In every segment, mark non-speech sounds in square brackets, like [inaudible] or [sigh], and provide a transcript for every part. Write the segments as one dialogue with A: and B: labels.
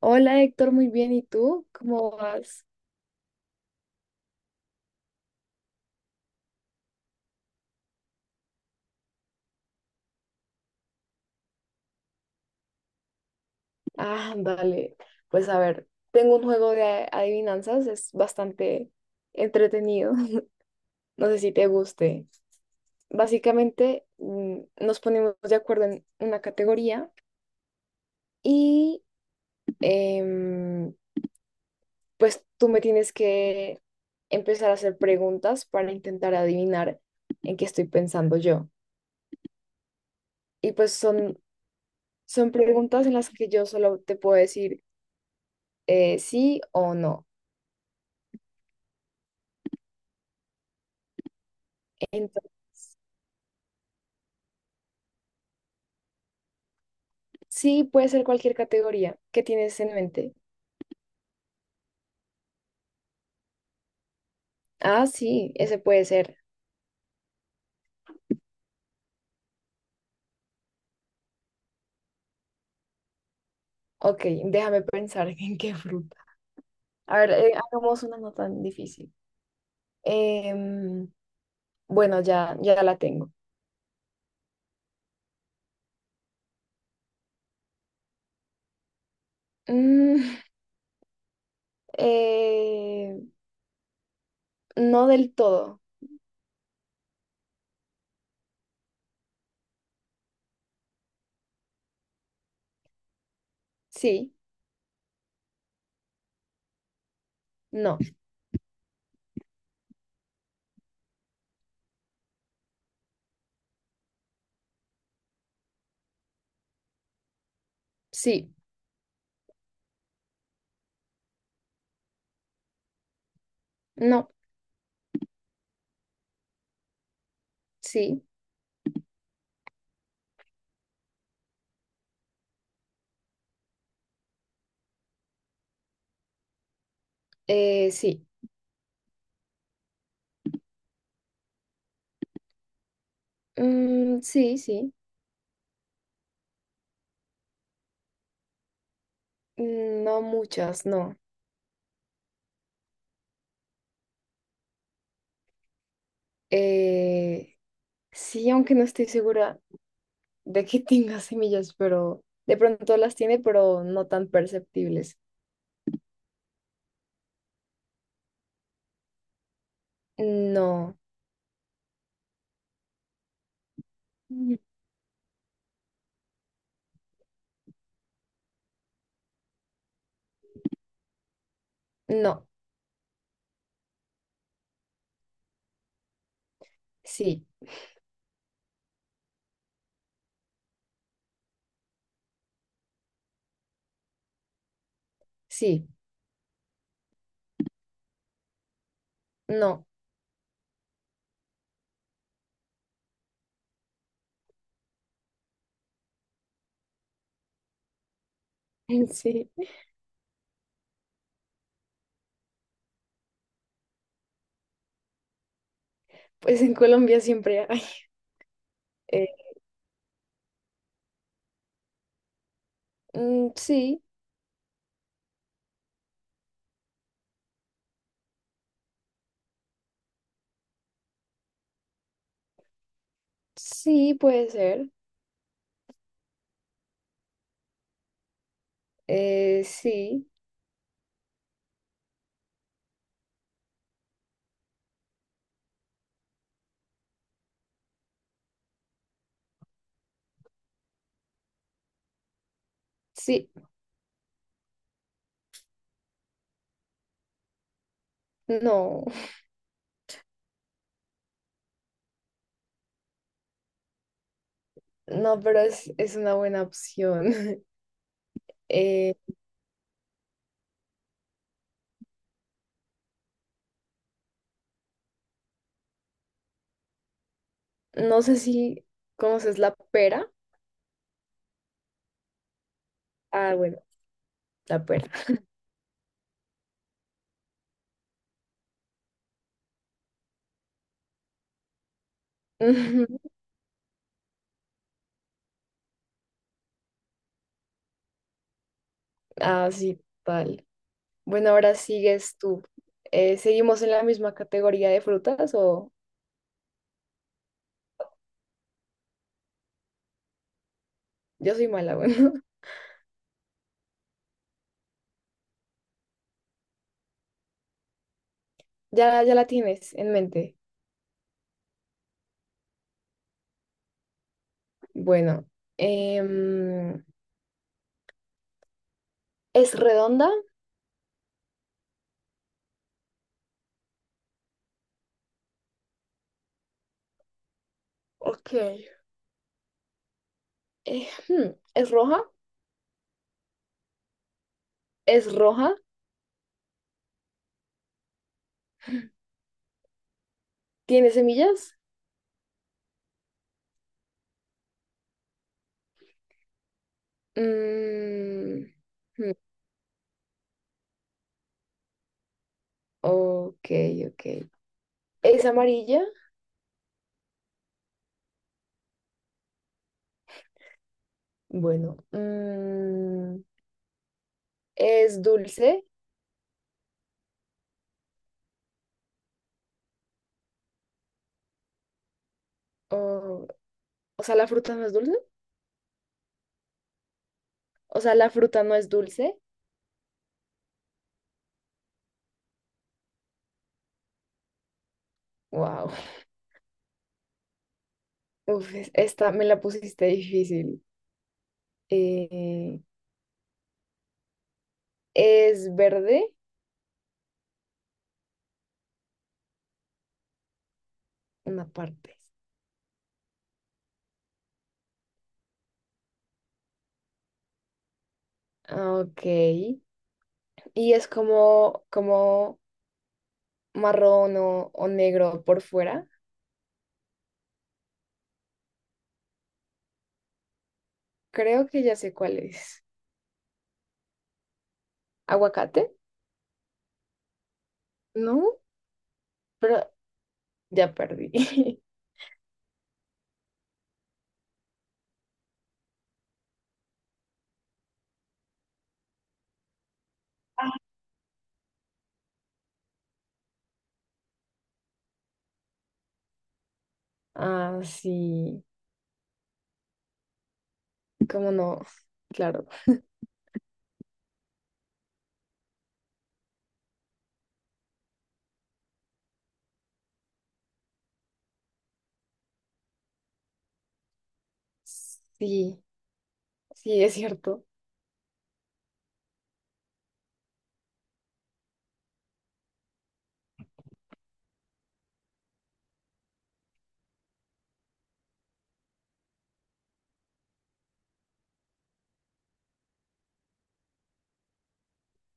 A: Hola Héctor, muy bien. ¿Y tú? ¿Cómo vas? Ah, vale, pues a ver, tengo un juego de adivinanzas, es bastante entretenido. [laughs] No sé si te guste. Básicamente, nos ponemos de acuerdo en una categoría y em, pues tú me tienes que empezar a hacer preguntas para intentar adivinar en qué estoy pensando yo. Y pues son, son preguntas en las que yo solo te puedo decir sí o no. Sí, puede ser cualquier categoría. ¿Qué tienes en mente? Ah, sí, ese puede ser. Ok, déjame pensar [laughs] en qué fruta. A ver, hagamos una no tan difícil. Em, bueno, ya, ya la tengo. Mm, [laughs] eh, no del todo. Sí, no, sí, no, sí, sí. Mm, sí, sí. Mm, no muchas, no. Eh, sí, aunque no estoy segura de que [laughs] tenga semillas, pero de pronto las tiene, pero no tan perceptibles. No, Mm. No, sí, sí, no, [laughs] sí. Pues en Colombia siempre hay. Eh, sí, sí, puede ser. Sí, sí, no, [laughs] no, pero es una buena opción. [laughs] Eh, no sé si conoces la pera. Ah, bueno, la pera. [laughs] Ah, sí, tal. Bueno, ahora sigues tú. ¿Seguimos en la misma categoría de frutas o yo soy mala? Bueno, [laughs] ya, ya la tienes en mente. Bueno, em, ¿es redonda? Ok. ¿Es roja? ¿Es roja? ¿Tiene semillas? Mm, hmm, ok, ok. ¿Es amarilla? Bueno, ¿es dulce? O, o sea, ¿la fruta no es dulce? O sea, ¿la fruta no es dulce? Wow. Uf, esta me la pusiste difícil. Eh, es verde, una parte. Ah, ok. Y es como, como marrón o negro por fuera. Creo que ya sé cuál es. ¿Aguacate? No, pero ya perdí. [laughs] Ah, sí. ¿Cómo no? Claro. Sí, sí, es cierto.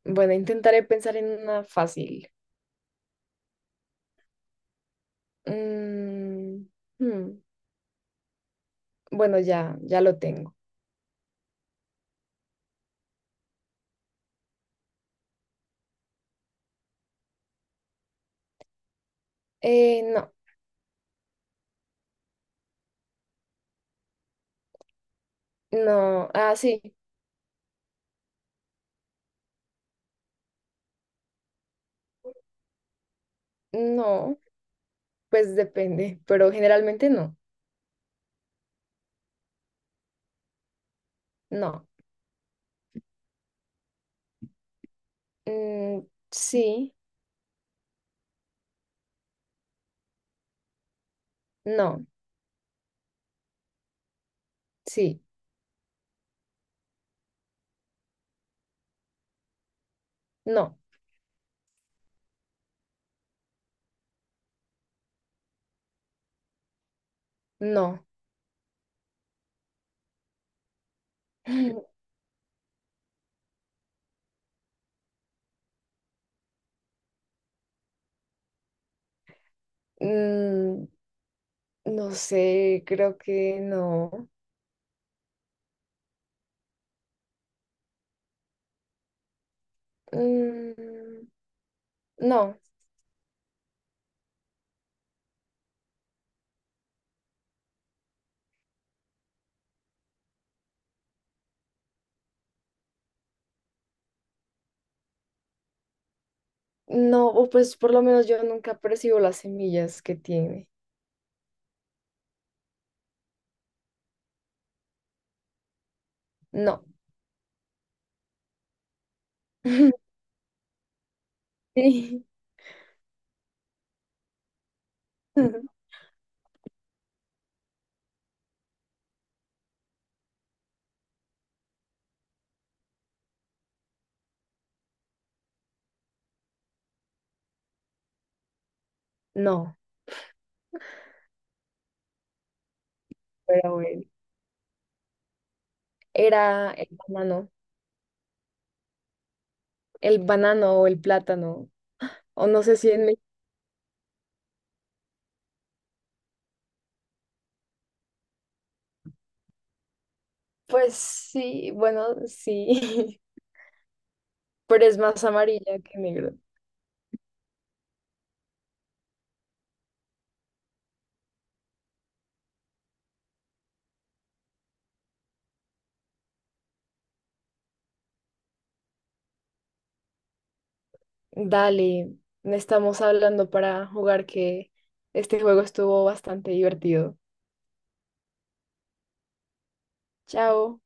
A: Bueno, intentaré pensar en una fácil. Mm, hmm, Bueno, ya, ya lo tengo. No, no, ah, sí, no, pues depende, pero generalmente no, no, mm, sí, no, sí, no, no, [laughs] Mm, no sé, creo que no, Mm, no, no, o pues por lo menos yo nunca percibo las semillas que tiene, no, [laughs] sí, [laughs] no, pero bueno, era el banano o el plátano, o no sé si en. Pues sí, bueno, sí, [laughs] pero es más amarilla que negro. Dale, estamos hablando para jugar que este juego estuvo bastante divertido. Chao.